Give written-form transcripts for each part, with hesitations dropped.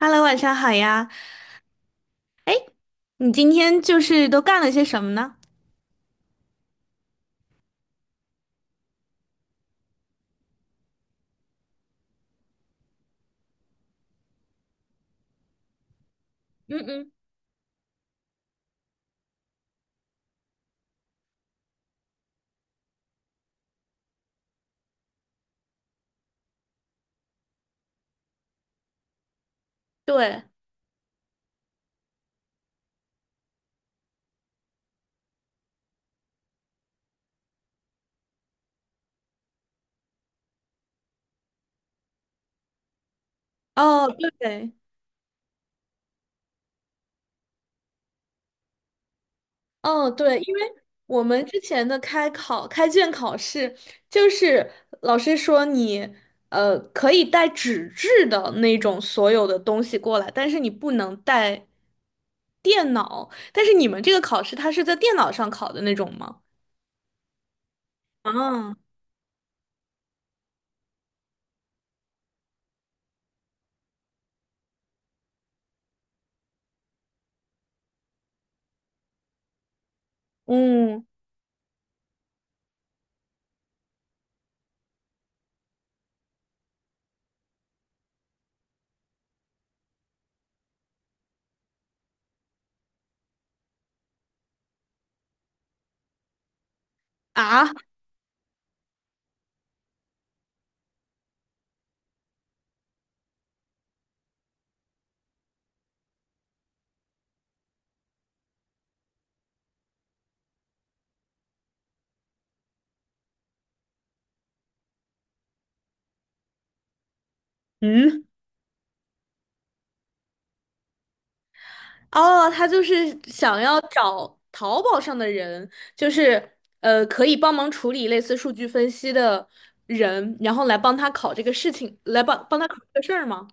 Hello，晚上好呀！你今天就是都干了些什么呢？嗯嗯，对，哦，对，哦对，因为我们之前的开考、开卷考试，就是老师说你可以带纸质的那种所有的东西过来，但是你不能带电脑。但是你们这个考试，它是在电脑上考的那种吗？啊，嗯啊，嗯。哦，他就是想要找淘宝上的人，就是，可以帮忙处理类似数据分析的人，然后来帮他考这个事情，来帮他考这个事儿吗？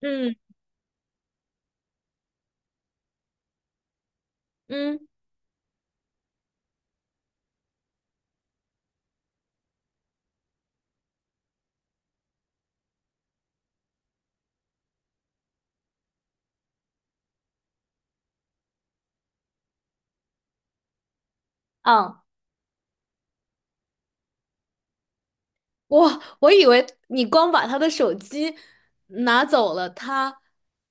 嗯嗯啊，我以为你光把他的手机拿走了，他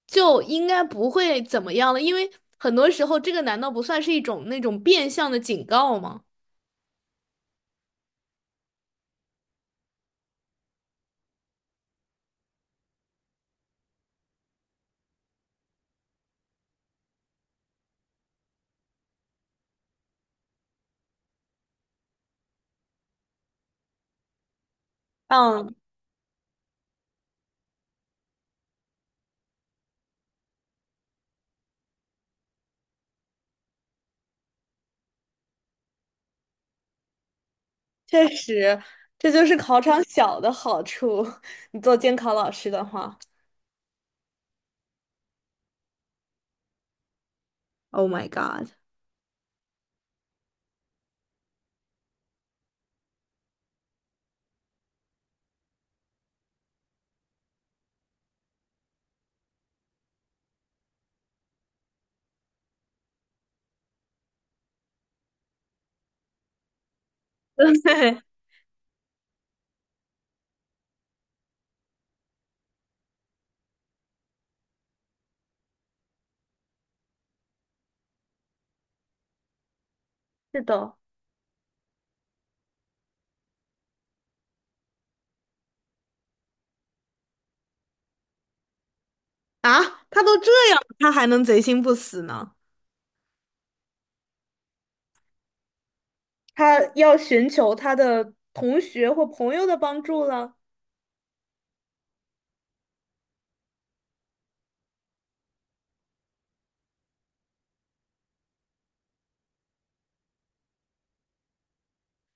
就应该不会怎么样了，因为很多时候这个难道不算是一种那种变相的警告吗？嗯。确实，这就是考场小的好处。你做监考老师的话，Oh my god!对，是的，啊，他都这样了他还能贼心不死呢？他要寻求他的同学或朋友的帮助了。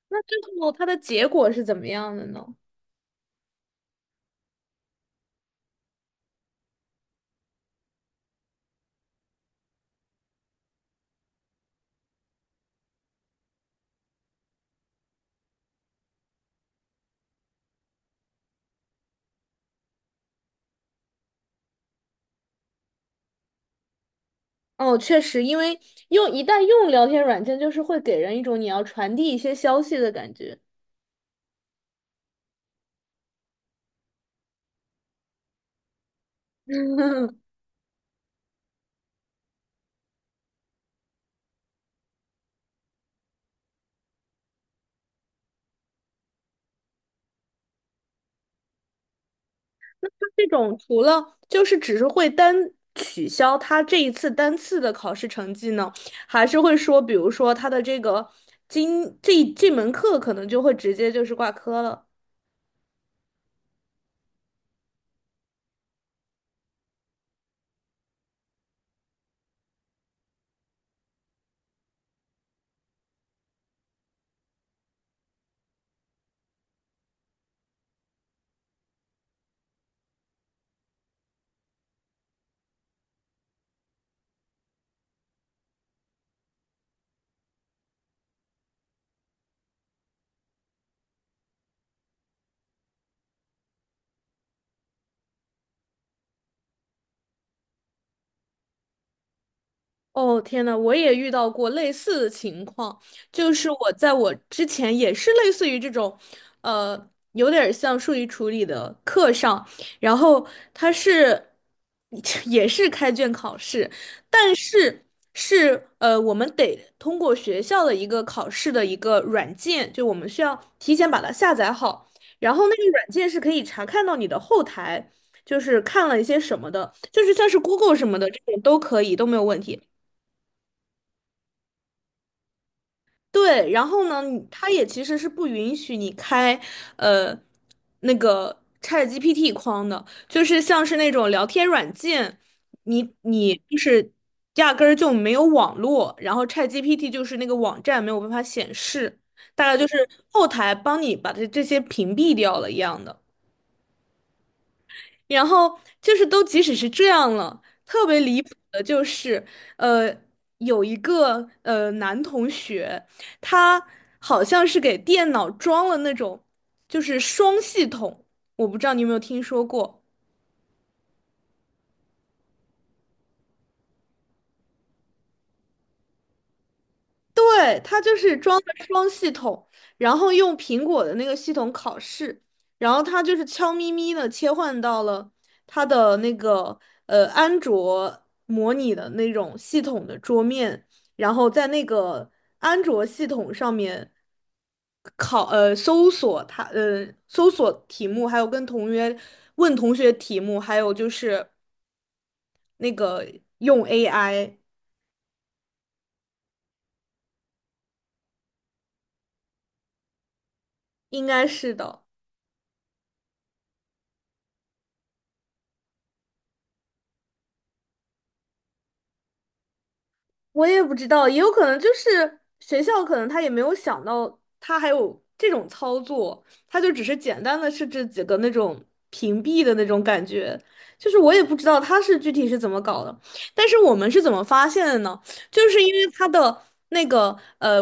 那最后他的结果是怎么样的呢？哦，确实，因为用一旦用聊天软件，就是会给人一种你要传递一些消息的感觉。这种除了就是只是会单取消他这一次单次的考试成绩呢，还是会说，比如说他的这个这这门课可能就会直接就是挂科了。哦，天呐，我也遇到过类似的情况，就是我之前也是类似于这种，呃，有点儿像数据处理的课上，然后他是 也是开卷考试，是是，呃，我们得通过学校的一个考试的一个软件，就我们需要提前把它下载好，然后那个软件是可以查看到你的后台，就是看了一些什么的，就是像是 Google 什么的这种都可以，都没有问题。对，然后呢，你它也其实是不允许你开，呃，那个 ChatGPT 框的，就是像是那种聊天软件，你就是压根儿就没有网络，然后 ChatGPT 就是那个网站没有办法显示，大概就是后台帮你把这些屏蔽掉了一样的。然后就是都即使是这样了，特别离谱的就是，呃，有一个男同学，他好像是给电脑装了那种就是双系统，我不知道你有没有听说过。对，它就是装的双系统，然后用苹果的那个系统考试，然后它就是悄咪咪的切换到了它的那个安卓模拟的那种系统的桌面，然后在那个安卓系统上面搜索搜索题目，还有跟同学问同学题目，还有就是那个用 AI,应该是的。我也不知道，也有可能就是学校可能他也没有想到他还有这种操作，他就只是简单的设置几个那种屏蔽的那种感觉，就是我也不知道他是具体是怎么搞的，但是我们是怎么发现的呢？就是因为他的那个呃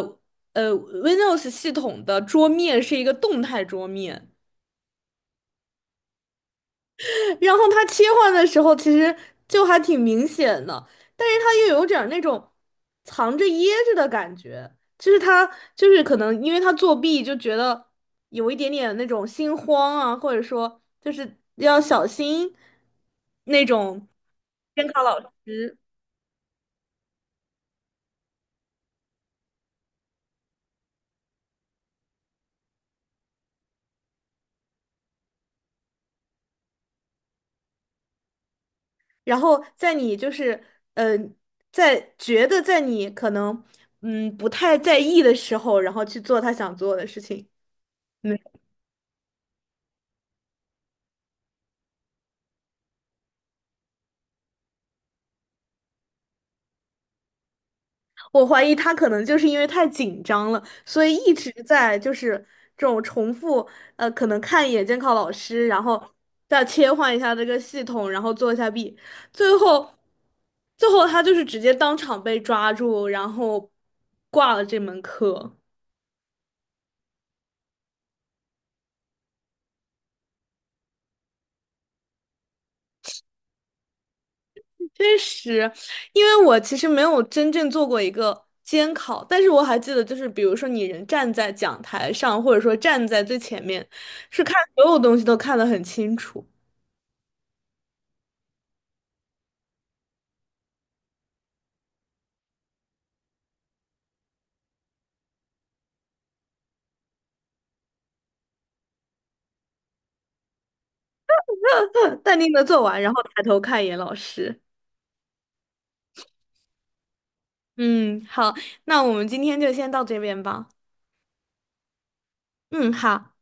呃 Windows 系统的桌面是一个动态桌面。然后他切换的时候其实就还挺明显的，但是他又有点儿那种藏着掖着的感觉，就是他就是可能因为他作弊就觉得有一点点那种心慌啊，或者说就是要小心那种监考老师，然后在你就是呃在觉得在你可能嗯不太在意的时候，然后去做他想做的事情。我怀疑他可能就是因为太紧张了，所以一直在就是这种重复，呃，可能看一眼监考老师，然后再切换一下这个系统，然后做一下弊，最后，最后他就是直接当场被抓住，然后挂了这门课。确实，因为我其实没有真正做过一个监考，但是我还记得，就是比如说你人站在讲台上，或者说站在最前面，是看所有东西都看得很清楚。淡定的做完，然后抬头看一眼老师。嗯，好，那我们今天就先到这边吧。嗯，好。